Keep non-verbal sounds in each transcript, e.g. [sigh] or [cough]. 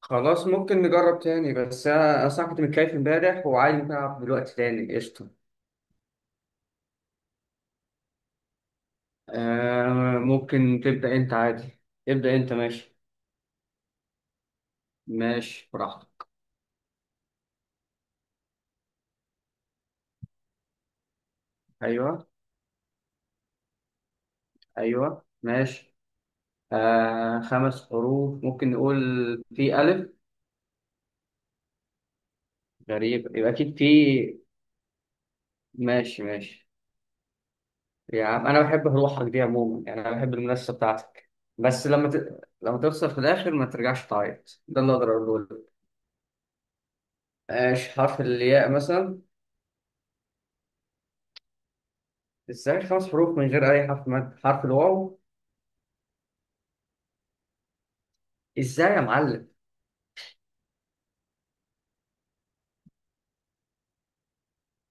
خلاص، ممكن نجرب تاني. بس أنا أصلا كنت متكيف امبارح وعادي ممكن ألعب دلوقتي تاني. قشطة. آه، ممكن تبدأ أنت عادي. ابدأ أنت، ماشي. ماشي براحتك. أيوه، أيوه، ماشي. آه، 5 حروف. ممكن نقول في ألف. غريب، يبقى أكيد في. ماشي، ماشي. يا عم أنا بحب روحك دي عموما، يعني أنا بحب المنافسة بتاعتك. بس لما لما توصل في الآخر ما ترجعش تعيط. ده اللي أقدر أقوله لك. ماشي، حرف الياء مثلا. ازاي خمس حروف من غير اي حرف مد؟ حرف الواو. ازاي يا معلم؟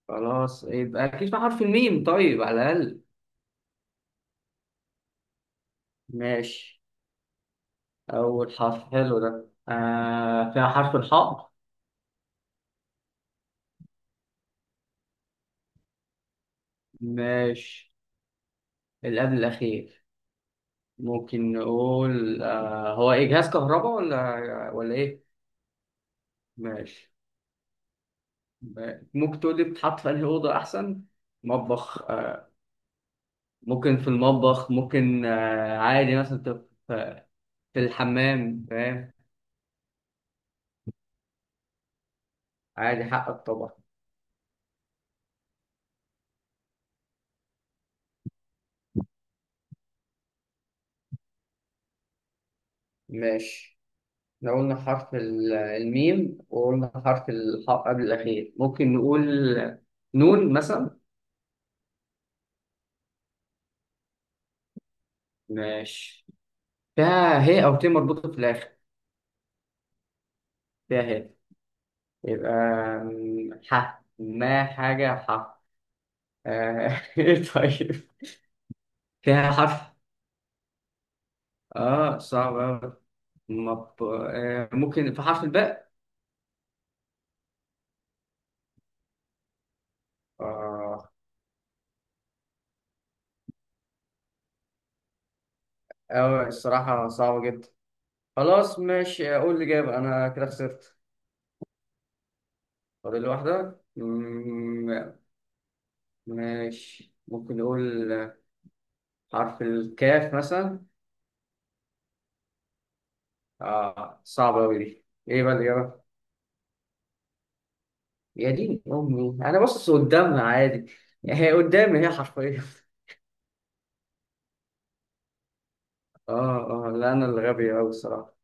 خلاص، يبقى اكيد في حرف الميم، طيب، على الاقل. ماشي. اول حرف حلو ده. فيها حرف الحاء. ماشي، اللي قبل الاخير. ممكن نقول هو اجهاز كهرباء ولا ايه؟ ماشي. ممكن تقول لي بتحط في انهي اوضه احسن؟ مطبخ، آه. ممكن في المطبخ، ممكن عادي، مثلا تبقى في. في الحمام، فاهم. عادي، حقك طبعا. ماشي. لو قلنا حرف الميم وقلنا حرف الحاء قبل الأخير، ممكن نقول نون مثلا. ماشي. فيها هي أو ت مربوطة في الآخر؟ فيها هي؟ يبقى ح. ما حاجة ح. آه، [laughs] إيه طيب. فيها حرف. آه، صعب أوي. ممكن في حرف الباء. آه. أوي، الصراحة صعبة جدا. خلاص، ماشي، أقول الإجابة. أنا كده خسرت. فاضل لي واحدة. ماشي، ممكن نقول حرف الكاف مثلا. آه، صعبة أوي دي. إيه بقى الإجابة؟ يا دين أمي، أنا باصص قدامها عادي. [laughs] هي قدامي، هي حرفيا. [laughs] آه، آه، لا، أنا اللي غبي أوي الصراحة.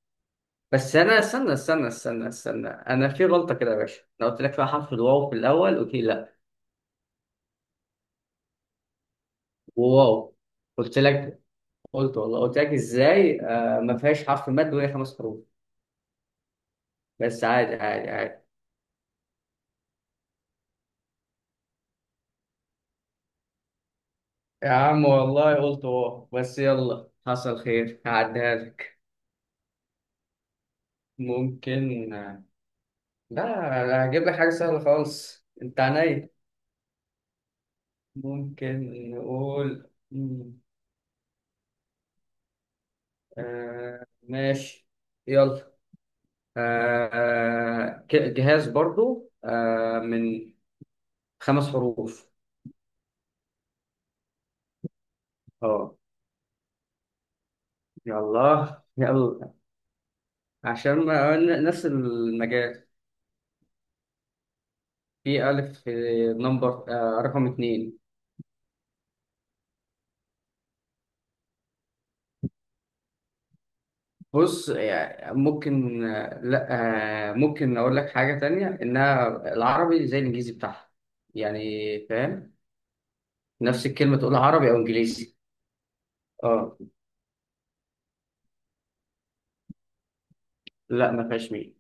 بس أنا، استنى استنى استنى استنى، أنا في غلطة كده يا باشا. أنا قلت لك فيها حرف الواو في الأول، قلت لي لأ. واو. قلت لك. قلت، والله قلت لك، إزاي ما فيهاش حرف مد وهي خمس حروف؟ بس، عادي عادي عادي. يا عم والله قلت بس. يلا، حصل خير، هعديها لك. ممكن، لا. لا، هجيب لك حاجة سهلة خالص، انت عينيا. ممكن نقول آه، ماشي. يلا. آه. جهاز برضو، من 5 حروف. اه. يلا، يلا. عشان نفس المجال. في ألف، نمبر، رقم 2. بص، يعني ممكن، لا، ممكن اقول لك حاجه تانية، انها العربي زي الانجليزي بتاعها. يعني، فاهم؟ نفس الكلمه تقول عربي او انجليزي. اه. لا، ما فيهاش ميم.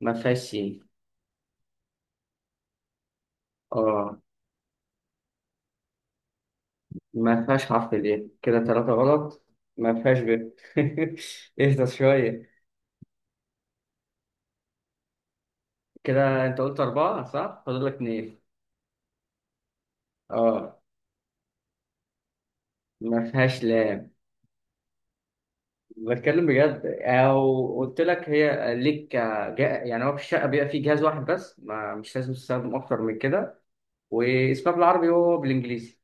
ما فيهاش سين. اه، ما فيهاش حرف ال. كده 3 غلط. ما فيهاش ب. [laughs] اهدى شويه. كده انت قلت 4، صح؟ فاضل لك 2. اه، ما فيهاش، لا. بتكلم بجد، او قلت لك هي ليك. يعني هو في الشقه بيبقى فيه جهاز واحد بس، ما مش لازم تستخدم اكتر من كده. واسمها بالعربي وهو بالانجليزي.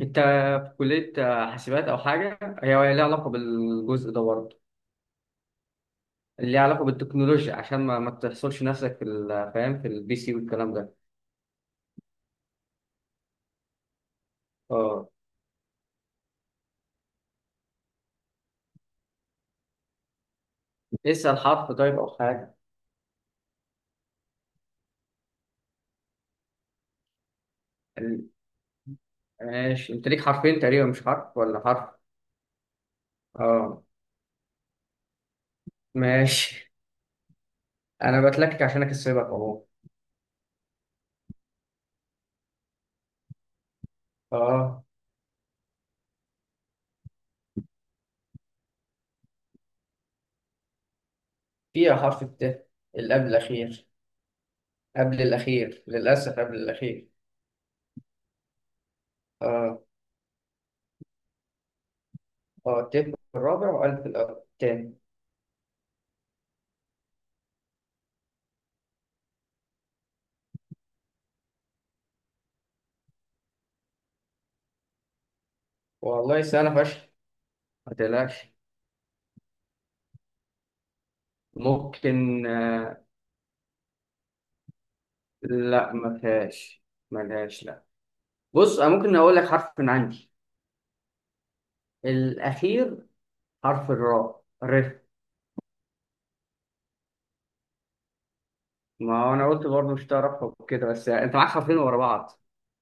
انت في كليه حاسبات او حاجه هي ليها علاقه بالجزء ده برضه. اللي ليها علاقه بالتكنولوجيا، عشان ما تحصلش نفسك في فاهم، في البي سي والكلام ده. اه. اسال حرف طيب او حاجه. ال- ماشي، انت ليك حرفين تقريبا، مش حرف ولا حرف. اه، ماشي. انا بتلكك عشان اكسبك اهو. اه، فيها حرف الت اللي قبل الأخير. قبل الأخير، للأسف قبل الأخير. آه، آه، الت في الرابع وألف في الأول تاني. والله سهلة فشخ. ما تقلقش. ممكن، آه. لا، ما فيهاش. ما لهاش، لا. بص، أنا ممكن أقول لك حرف من عندي. الأخير، حرف الراء، ر. ما هو أنا قلت برضه مش تعرف كده، بس يعني أنت معاك حرفين ورا بعض.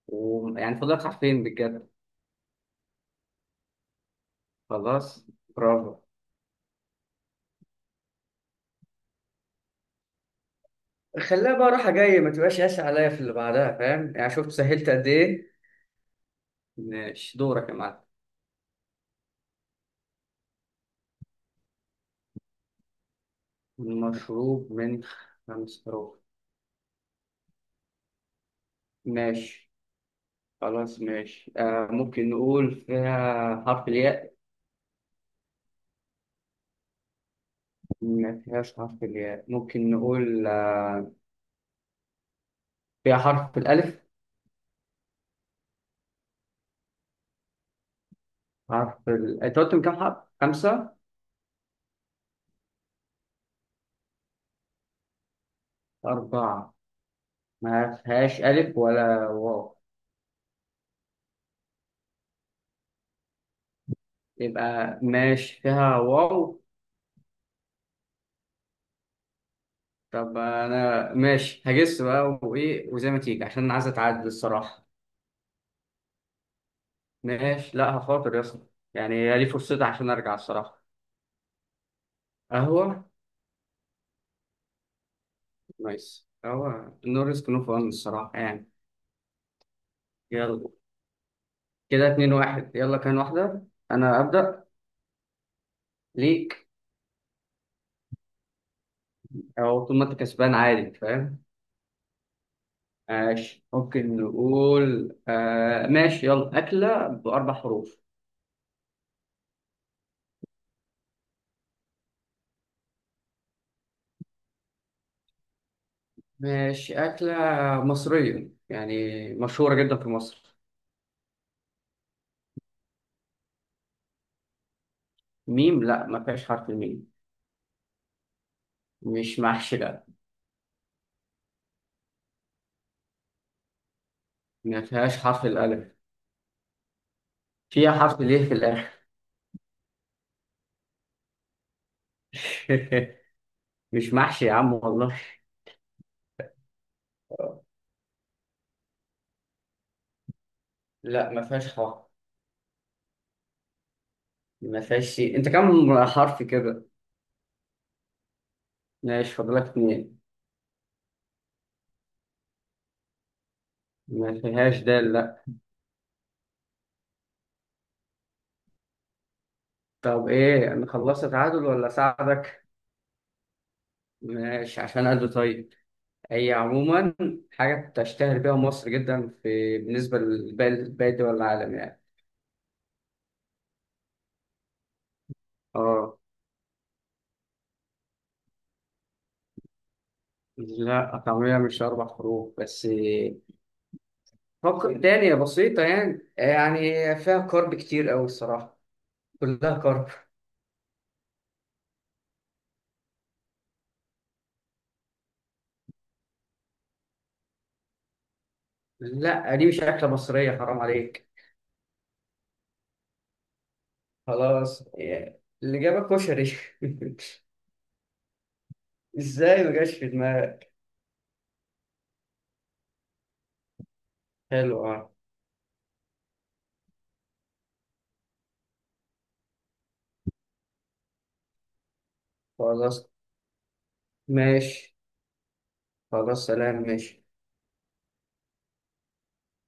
ويعني فاضل لك حرفين بجد. خلاص، برافو. خليها بقى راحة جاية، ما تبقاش قاسي عليا في اللي بعدها، فاهم يعني؟ شفت سهلت قد إيه. ماشي، دورك يا معلم. المشروب من 5 حروف. ماشي، خلاص، ماشي، ممكن نقول فيها حرف الياء. ما فيهاش حرف الياء. ممكن نقول، آه، فيها حرف الألف. حرف أنت قلت من كام حرف؟ خمسة؟ 4. ما فيهاش ألف ولا واو. يبقى ماشي، فيها واو. طب انا ماشي هجس بقى وايه وزي ما تيجي، عشان انا عايز اتعدل الصراحه. ماشي، لا، هخاطر يا اسطى. يعني هي دي فرصتي عشان ارجع الصراحه. قهوه. نايس، قهوه، نو ريسك نو فن الصراحه يعني. يلا. كده 2-1، يلا، كان واحده انا ابدا. ليك. او طول ما انت كسبان عادي، فاهم. ماشي، ممكن نقول، ماشي، يلا، اكله باربع حروف. ماشي، اكله مصريه يعني، مشهوره جدا في مصر. ميم؟ لا، ما فيهاش حرف الميم. مش محشي، لا. ما فيهاش حرف الألف. فيها حرف ليه في الآخر. [laughs] مش محشي يا عم والله. لا، ما فيهاش حرف. ما فيهاش شيء. انت كم حرف كده؟ ماشي، فاضلك 2. ما فيهاش دال، لا. طب ايه، انا خلصت تعادل ولا اساعدك؟ ماشي، عشان قلبي طيب. هي عموما حاجة تشتهر بيها مصر جدا، في بالنسبة لباقي دول العالم يعني. اه. لا، طعمية مش 4 حروف بس. تانية بسيطة، يعني. فيها كارب كتير أوي الصراحة. كلها كارب. لا، دي مش أكلة مصرية، حرام عليك. خلاص يعني، اللي جابك كشري. [laughs] إزاي ما جاش في دماغك؟ حلو، أه. خلاص ماشي، خلاص، سلام، ماشي.